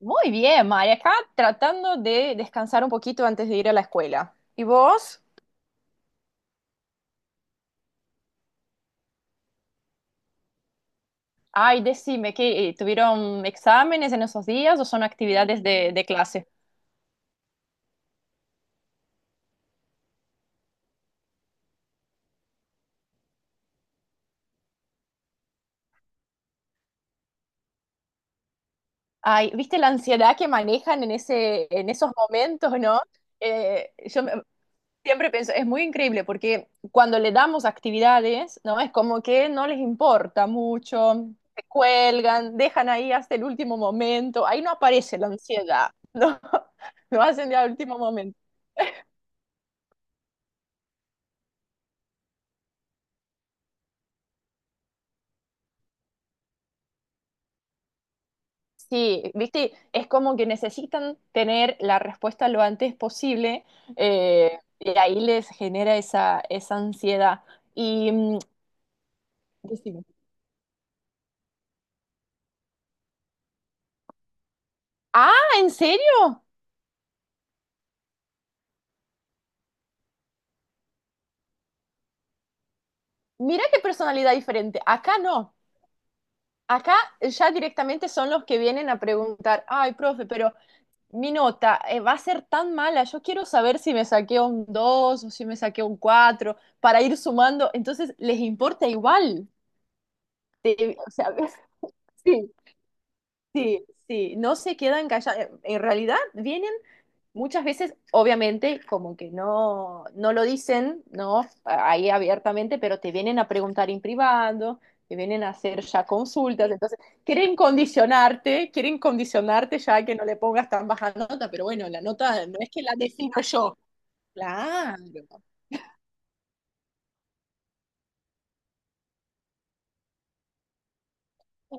Muy bien, María, acá tratando de descansar un poquito antes de ir a la escuela. ¿Y vos? Ay, decime, ¿qué, tuvieron exámenes en esos días o son actividades de clase? Ay, ¿viste la ansiedad que manejan en en esos momentos, no? Eh, yo me- siempre pienso, es muy increíble porque cuando le damos actividades, ¿no? Es como que no les importa mucho, se cuelgan, dejan ahí hasta el último momento, ahí no aparece la ansiedad, ¿no? Lo hacen de al último momento. Sí, viste, es como que necesitan tener la respuesta lo antes posible, y ahí les genera esa ansiedad. Y mm, decime, ah, ¿en serio? Mira qué personalidad diferente. Acá no. Acá ya directamente son los que vienen a preguntar, ay, profe, pero mi nota, va a ser tan mala, yo quiero saber si me saqué un 2 o si me saqué un 4 para ir sumando. Entonces, les importa igual. O sea, sí. Sí, sí, no se quedan callados. En realidad vienen muchas veces, obviamente, como que no lo dicen, ¿no? Ahí abiertamente, pero te vienen a preguntar en privado, te vienen a hacer ya consultas, entonces quieren condicionarte ya a que no le pongas tan baja nota, pero bueno, la nota no es que la defino yo. Claro.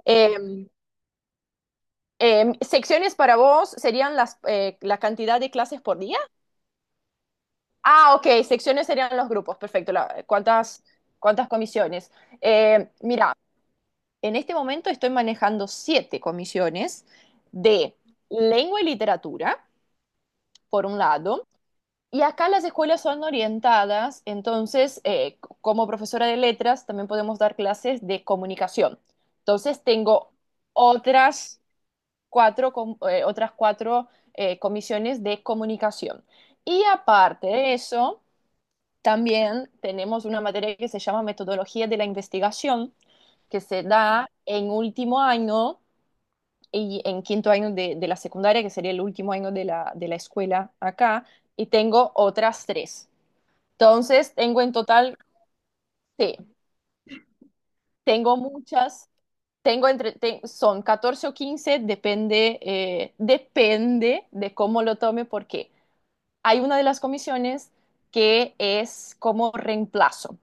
Eh, secciones para vos serían la cantidad de clases por día. Ah, ok, secciones serían los grupos, perfecto. ¿Cuántas, cuántas comisiones? Mira, en este momento estoy manejando siete comisiones de lengua y literatura, por un lado, y acá las escuelas son orientadas, entonces, como profesora de letras, también podemos dar clases de comunicación. Entonces, tengo otras cuatro, otras cuatro, comisiones de comunicación. Y aparte de eso... También tenemos una materia que se llama metodología de la investigación, que se da en último año y en quinto año de la secundaria, que sería el último año de de la escuela acá, y tengo otras tres. Entonces, tengo en total, sí, tengo muchas, tengo son 14 o 15 depende, depende de cómo lo tome, porque hay una de las comisiones que es como reemplazo.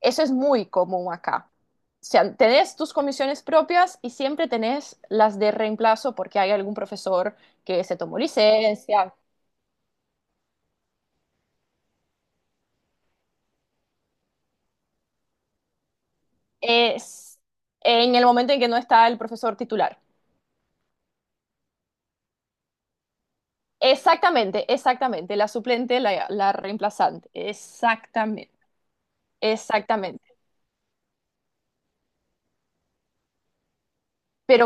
Eso es muy común acá. O sea, tenés tus comisiones propias y siempre tenés las de reemplazo porque hay algún profesor que se tomó licencia. Es en el momento en que no está el profesor titular. Exactamente, exactamente. La suplente, la reemplazante. Exactamente, exactamente. Pero,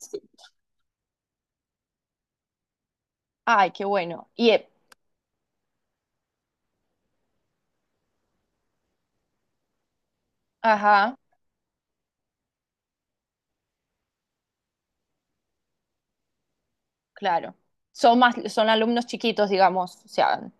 sí. Ay, qué bueno. Y, ajá, claro. Son más, son alumnos chiquitos, digamos. O sea,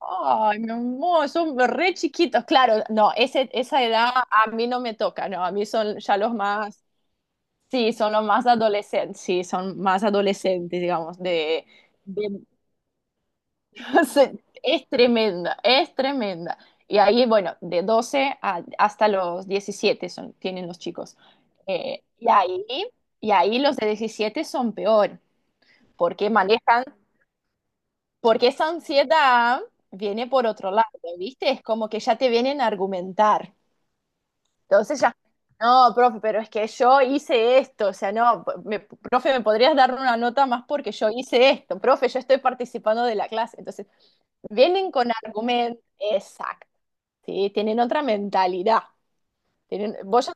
ay, mi amor, son re chiquitos. Claro, no, ese, esa edad a mí no me toca, no, a mí son ya los más, sí, son los más adolescentes, sí, son más adolescentes, digamos, de, de- es tremenda, es tremenda. Y ahí, bueno, hasta los 17 son, tienen los chicos. Eh, y ahí, y ahí los de 17 son peor, porque manejan, porque esa ansiedad viene por otro lado, ¿viste? Es como que ya te vienen a argumentar. Entonces ya, no, profe, pero es que yo hice esto, o sea, no, profe, ¿me podrías dar una nota más porque yo hice esto? Profe, yo estoy participando de la clase. Entonces, vienen con argumentos, exacto, ¿sí? Tienen otra mentalidad. Tienen, vos...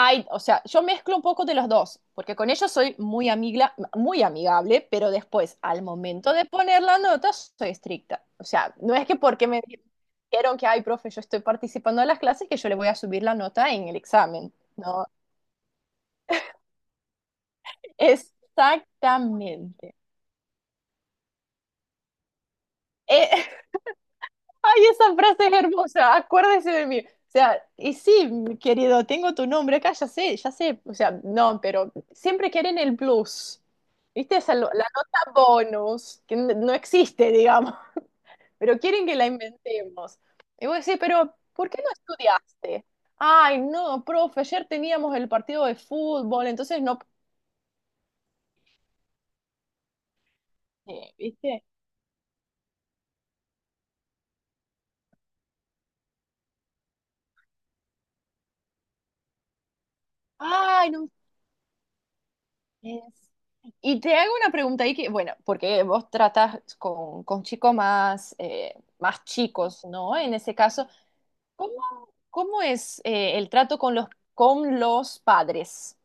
Ay, o sea, yo mezclo un poco de los dos, porque con ellos soy muy muy amigable, pero después, al momento de poner la nota, soy estricta. O sea, no es que porque me dijeron que, ay, profe, yo estoy participando en las clases, que yo le voy a subir la nota en el examen. No, exactamente. Eh, Ay, esa frase es hermosa, acuérdese de mí. O sea, y sí, mi querido, tengo tu nombre acá, ya sé, ya sé. O sea, no, pero siempre quieren el plus. ¿Viste? La nota bonus, que no existe, digamos, pero quieren que la inventemos. Y vos decís, pero ¿por qué no estudiaste? Ay, no, profe, ayer teníamos el partido de fútbol, entonces no, pude, ¿viste? Ay, no. Es- Y te hago una pregunta ahí que, bueno, porque vos tratas con chicos más, más chicos, ¿no? En ese caso, ¿cómo, cómo es, el trato con con los padres?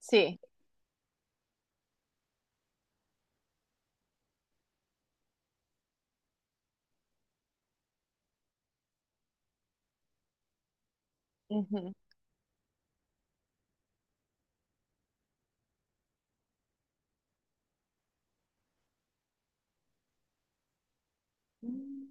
Sí. Ujú. Mm.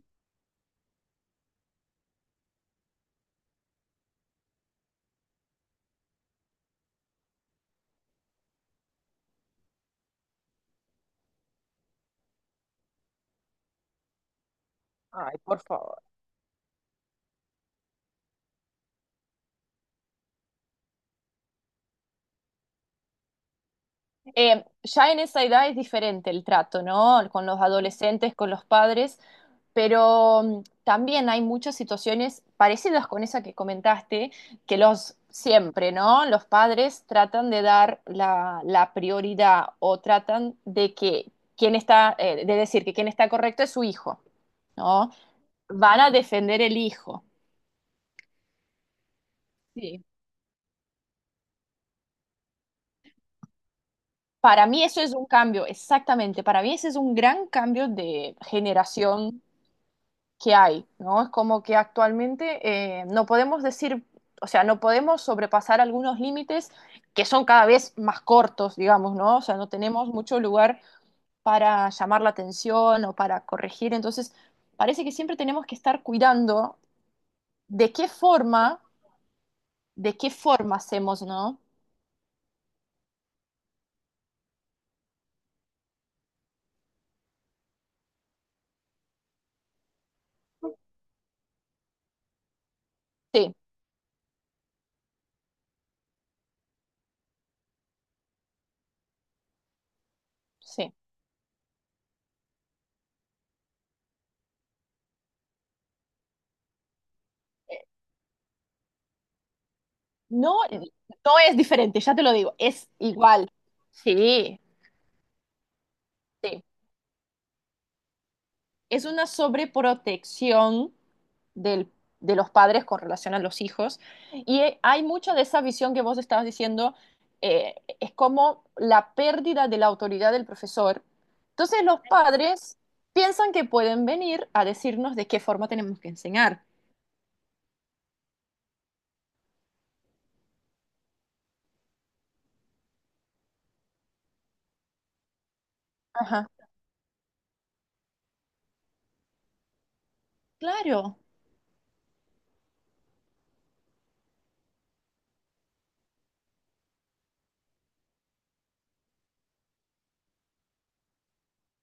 Ay, por favor. Ya en esa edad es diferente el trato, ¿no? Con los adolescentes, con los padres. Pero mm, también hay muchas situaciones parecidas con esa que comentaste, que los siempre, ¿no? Los padres tratan de dar la prioridad o tratan de que quien está, de decir que quien está correcto es su hijo, ¿no? Van a defender el hijo. Sí. Para mí eso es un cambio, exactamente. Para mí ese es un gran cambio de generación que hay, ¿no? Es como que actualmente, no podemos decir, o sea, no podemos sobrepasar algunos límites que son cada vez más cortos, digamos, ¿no? O sea, no tenemos mucho lugar para llamar la atención o para corregir, entonces parece que siempre tenemos que estar cuidando de qué forma, de qué forma hacemos, ¿no? Sí, sí. No, no es diferente, ya te lo digo, es igual. Sí, sí. Es una sobreprotección del, de los padres con relación a los hijos. Y hay mucha de esa visión que vos estabas diciendo, es como la pérdida de la autoridad del profesor. Entonces los padres piensan que pueden venir a decirnos de qué forma tenemos que enseñar. Ajá. Claro,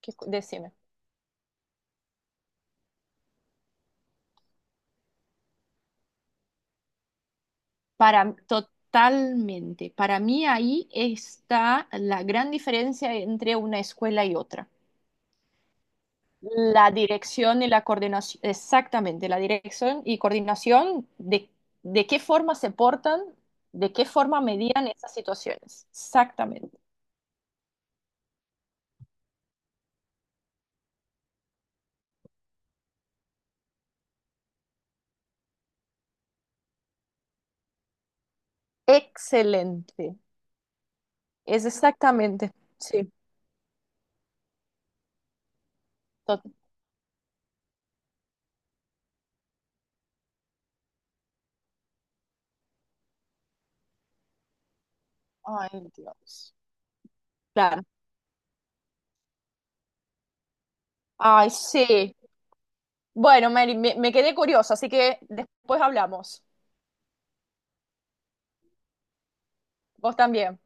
que, decime. Para, totalmente. Para mí ahí está la gran diferencia entre una escuela y otra. La dirección y la coordinación, exactamente, la dirección y coordinación de qué forma se portan, de qué forma medían esas situaciones. Exactamente. Excelente. Es exactamente. Sí. Tot- Ay, Dios. Claro. Ay, sí. Bueno, Mary, me quedé curiosa, así que después hablamos. Vos también.